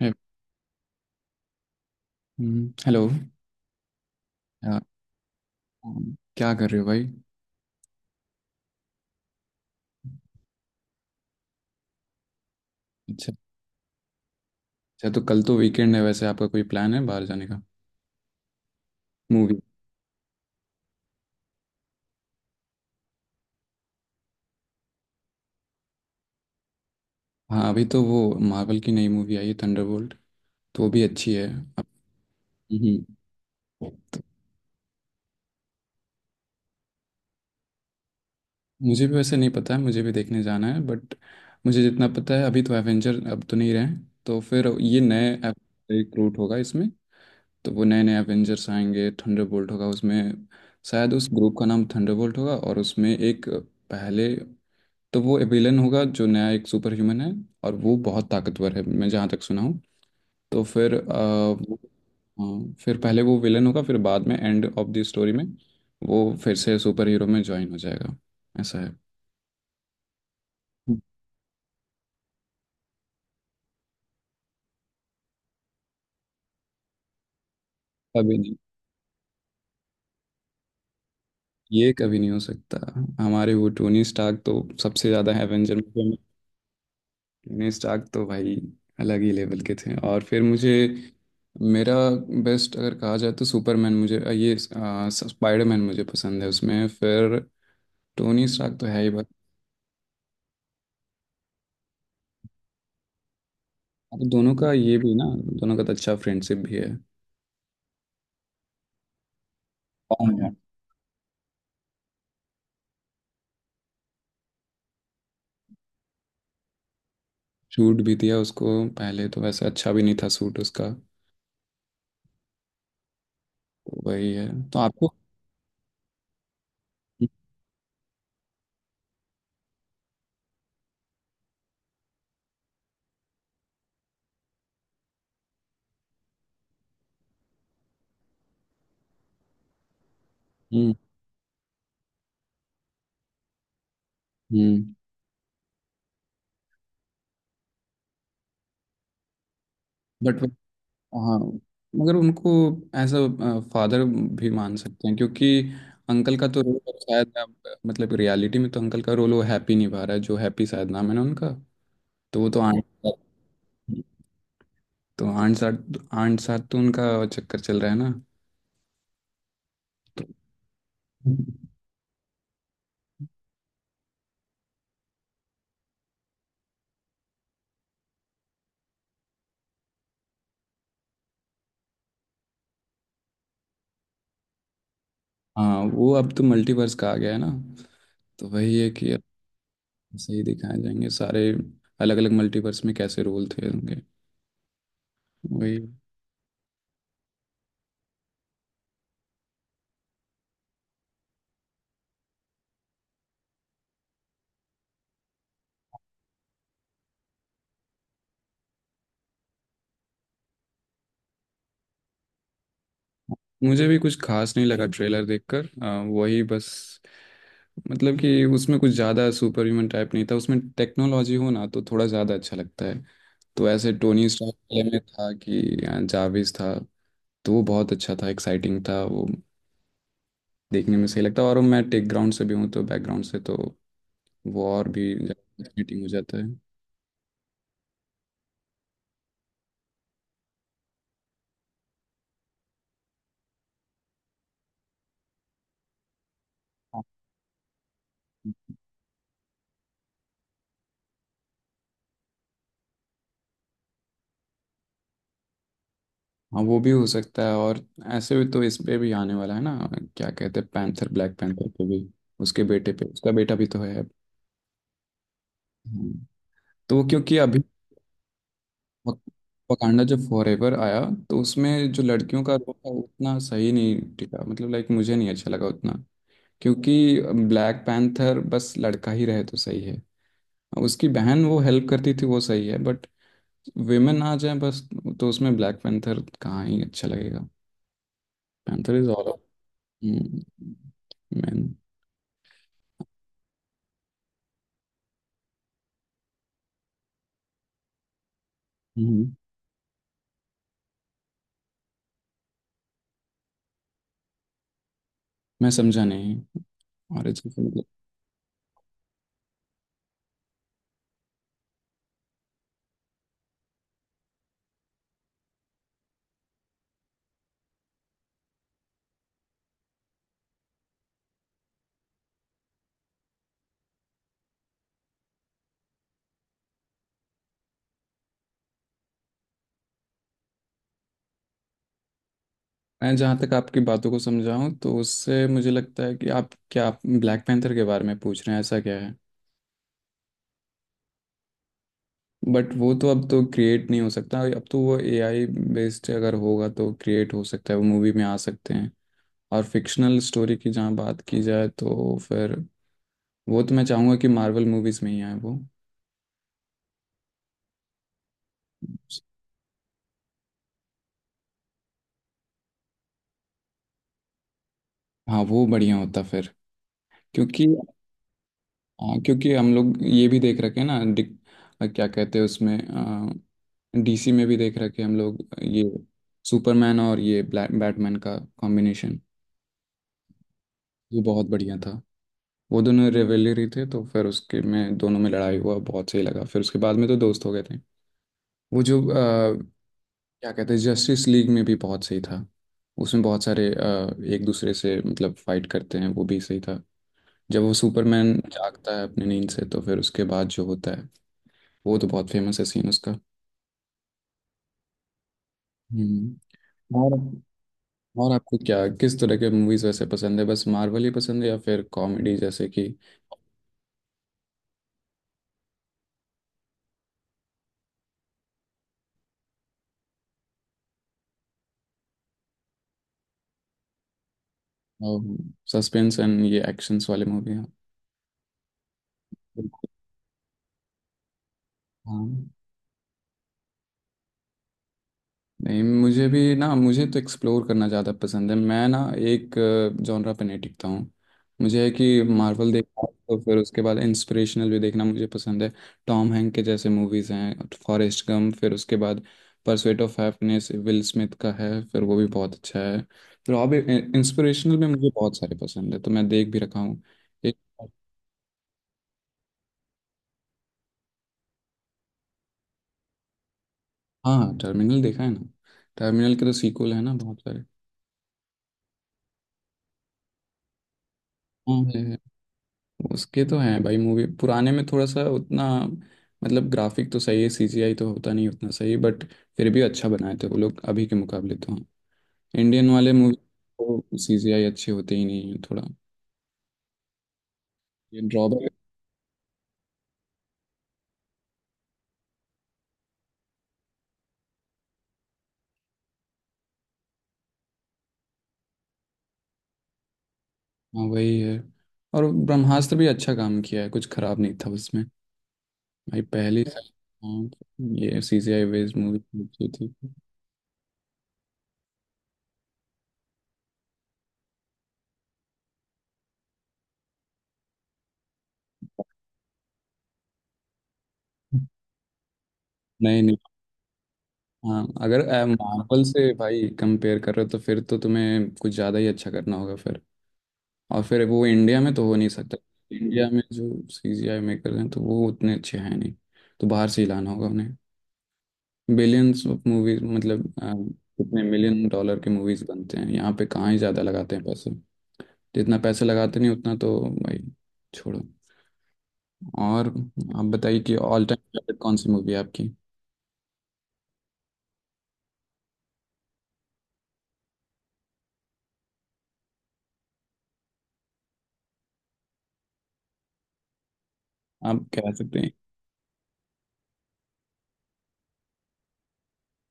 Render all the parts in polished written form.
हे- hello. अ, क्या कर रहे हो भाई? अच्छा। अच्छा तो कल तो वीकेंड है, वैसे आपका कोई प्लान है बाहर जाने का? मूवी? हाँ अभी तो वो मार्वल की नई मूवी आई है थंडरबोल्ट, तो वो भी अच्छी है। अब हम्म, मुझे भी वैसे नहीं पता है, मुझे भी देखने जाना है बट मुझे जितना पता है अभी तो एवेंजर अब तो नहीं रहे। तो फिर ये नए रिक्रूट होगा इसमें, तो वो नए नए एवेंजर्स आएंगे, थंडरबोल्ट होगा उसमें। शायद उस ग्रुप का नाम थंडरबोल्ट होगा और उसमें एक पहले तो वो विलन होगा जो नया एक सुपर ह्यूमन है और वो बहुत ताकतवर है मैं जहाँ तक सुना हूँ। तो फिर हाँ, फिर पहले वो विलन होगा फिर बाद में एंड ऑफ द स्टोरी में वो फिर से सुपर हीरो में ज्वाइन हो जाएगा, ऐसा है। कभी नहीं। ये कभी नहीं हो सकता। हमारे वो टोनी स्टार्क तो सबसे ज़्यादा है एवेंजर में। टोनी स्टार्क तो भाई अलग ही लेवल के थे और फिर मुझे मेरा बेस्ट अगर कहा जाए तो सुपरमैन मुझे ये स्पाइडरमैन मुझे पसंद है, उसमें फिर टोनी स्टार्क तो है ही बट अब दोनों का ये भी ना, दोनों का तो अच्छा फ्रेंडशिप भी है। कौन है? सूट भी दिया उसको। पहले तो वैसे अच्छा भी नहीं था सूट उसका। तो वही है तो आपको। हम्म। हम्म। बट हाँ मगर उनको एज अ फादर भी मान सकते हैं क्योंकि अंकल का तो रोल शायद मतलब रियलिटी में तो अंकल का रोल वो हैप्पी निभा रहा है, जो हैप्पी शायद नाम है ना उनका, तो वो तो आंट, तो आंट साथ तो उनका चक्कर चल रहा है ना। तो हाँ वो अब तो मल्टीवर्स का आ गया है ना, तो वही है कि अब सही दिखाए जाएंगे सारे अलग अलग मल्टीवर्स में कैसे रोल थे होंगे। वही। मुझे भी कुछ खास नहीं लगा ट्रेलर देखकर, वही बस मतलब कि उसमें कुछ ज़्यादा सुपर ह्यूमन टाइप नहीं था, उसमें टेक्नोलॉजी हो ना तो थोड़ा ज़्यादा अच्छा लगता है। तो ऐसे टोनी स्टार्क वाले में था कि जाविस था, तो वो बहुत अच्छा था, एक्साइटिंग था वो, देखने में सही लगता है। और मैं टेक ग्राउंड से भी हूँ तो बैकग्राउंड से तो वो और भी चीटिंग हो जाता है, हाँ। हाँ वो भी हो सकता है, और ऐसे भी तो इस पे भी आने वाला है ना, क्या कहते हैं पैंथर, ब्लैक पैंथर पे भी, उसके बेटे पे, उसका बेटा भी तो है। हम्म, तो वो क्योंकि अभी वकांडा जब फॉरएवर आया तो उसमें जो लड़कियों का रोल था वो उतना सही नहीं टिका, मतलब लाइक मुझे नहीं अच्छा लगा उतना, क्योंकि ब्लैक पैंथर बस लड़का ही रहे तो सही है, उसकी बहन वो हेल्प करती थी वो सही है बट विमेन आ जाए बस तो उसमें ब्लैक पैंथर कहाँ ही अच्छा लगेगा। Panther is all man. हम्म, मैं समझा नहीं, ऑरिजिन का मतलब? मैं जहाँ तक आपकी बातों को समझा हूँ तो उससे मुझे लगता है कि आप क्या ब्लैक पैंथर के बारे में पूछ रहे हैं, ऐसा क्या है? बट वो तो अब तो क्रिएट नहीं हो सकता, अब तो वो एआई बेस्ड अगर होगा तो क्रिएट हो सकता है, वो मूवी में आ सकते हैं। और फिक्शनल स्टोरी की जहाँ बात की जाए तो फिर वो तो मैं चाहूँगा कि मार्वल मूवीज़ में ही आए वो। हाँ वो बढ़िया होता फिर, क्योंकि हाँ क्योंकि हम लोग ये भी देख रखे हैं ना, क्या कहते हैं उसमें, डीसी में भी देख रखे हैं हम लोग, ये सुपरमैन और ये ब्लैक बैटमैन का कॉम्बिनेशन, ये बहुत बढ़िया था। वो दोनों रिवेलरी थे तो फिर उसके में दोनों में लड़ाई हुआ, बहुत सही लगा, फिर उसके बाद में तो दोस्त हो गए थे। वो जो क्या कहते हैं जस्टिस लीग में भी बहुत सही था, उसमें बहुत सारे एक दूसरे से मतलब फाइट करते हैं, वो भी सही था, जब वो सुपरमैन जागता है अपनी नींद से तो फिर उसके बाद जो होता है वो तो बहुत फेमस है सीन उसका। हम्म। और और आपको क्या किस तरह के मूवीज वैसे पसंद है, बस मार्वल ही पसंद है या फिर कॉमेडी जैसे कि सस्पेंस एंड ये एक्शंस वाले मूवी हैं? बिल्कुल। हाँ। नहीं मुझे भी ना, मुझे तो एक्सप्लोर करना ज़्यादा पसंद है, मैं ना एक जॉनरा पे नहीं टिकता हूँ। मुझे है कि मार्वल देखना तो फिर उसके बाद इंस्पिरेशनल भी देखना मुझे पसंद है। टॉम हैंक के जैसे मूवीज़ हैं फॉरेस्ट गम, फिर उसके बाद Pursuit of Happiness Will Smith का है, फिर वो भी बहुत अच्छा है। फिर और भी इंस्पिरेशनल में मुझे बहुत सारे पसंद है तो मैं देख भी रखा हूँ। एक। हाँ टर्मिनल देखा है ना। टर्मिनल के तो सीक्वल है ना बहुत सारे। हाँ। उसके तो हैं भाई, मूवी पुराने में थोड़ा सा उतना, मतलब ग्राफिक तो सही है, सीजीआई तो होता नहीं उतना सही बट फिर भी अच्छा बनाए थे वो लोग अभी के मुकाबले, तो हाँ। इंडियन वाले मूवी को सीजीआई अच्छे होते ही नहीं है थोड़ा, ये ड्रॉबैक। हाँ वही है। और ब्रह्मास्त्र भी अच्छा काम किया है, कुछ खराब नहीं था उसमें, भाई पहली। हाँ। ये सीजीआई बेस्ड मूवी अच्छी थी। नहीं नहीं। हाँ अगर मार्वल से भाई कंपेयर कर रहे हो तो फिर तो तुम्हें कुछ ज़्यादा ही अच्छा करना होगा फिर। और फिर वो इंडिया में तो हो नहीं सकता। इंडिया में जो सीजीआई मेकर हैं तो वो उतने अच्छे हैं नहीं, तो बाहर से ही लाना होगा उन्हें। बिलियंस ऑफ मूवीज मतलब, कितने मिलियन डॉलर के मूवीज बनते हैं, यहाँ पे कहाँ ही ज़्यादा लगाते हैं पैसे, जितना पैसे लगाते नहीं उतना तो भाई छोड़ो। और आप बताइए कि ऑल टाइम फेवरेट कौन सी मूवी है आपकी, आप कह सकते हैं।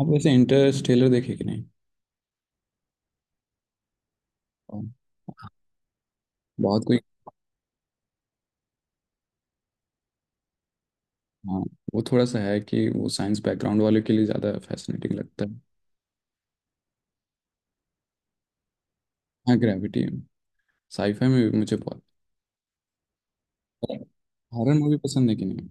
आप वैसे इंटरस्टेलर देखे कि नहीं? और बहुत कोई? हाँ वो थोड़ा सा है कि वो साइंस बैकग्राउंड वाले के लिए ज़्यादा फैसिनेटिंग लगता है। हाँ ग्रेविटी। साईफाई में भी मुझे बहुत। हॉरर मूवी पसंद है कि नहीं?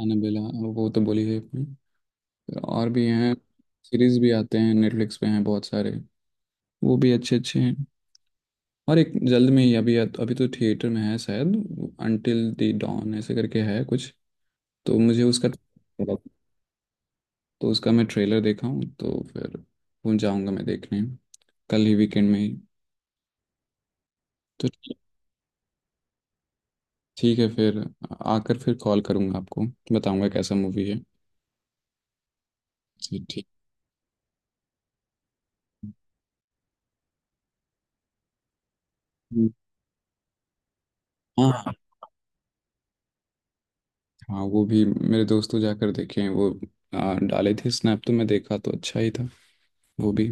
एनाबेला, वो तो बोली है अपनी। फिर और भी हैं, सीरीज भी आते हैं नेटफ्लिक्स पे, हैं बहुत सारे, वो भी अच्छे अच्छे हैं। और एक जल्द में ही अभी, अभी तो थिएटर में है शायद, अंटिल द डॉन ऐसे करके है कुछ, तो मुझे उसका, तो उसका मैं ट्रेलर देखा हूँ, तो फिर वो जाऊँगा मैं देखने, कल ही वीकेंड में ही। तो ठीक है फिर, आकर फिर कॉल करूँगा आपको, बताऊँगा कैसा मूवी है। ठीक। हाँ हाँ वो भी मेरे दोस्तों जाकर देखे हैं वो, डाले थे स्नैप तो मैं देखा तो अच्छा ही था वो भी।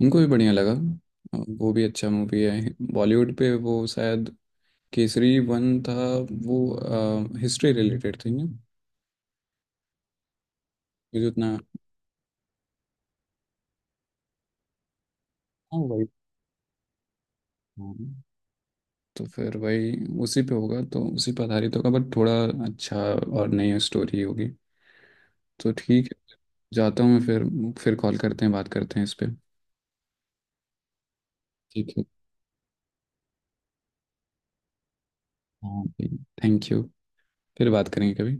उनको भी बढ़िया लगा। वो भी अच्छा मूवी है बॉलीवुड पे, वो शायद केसरी वन था, वो हिस्ट्री रिलेटेड थी ना, मुझे उतना हाँ। वही। हाँ। तो फिर वही, उसी पे होगा तो उसी पे आधारित होगा बट थोड़ा अच्छा और नई स्टोरी होगी। तो ठीक है, जाता हूँ मैं फिर कॉल करते हैं, बात करते हैं इस पे। ठीक है। हाँ थैंक यू। फिर बात करेंगे कभी।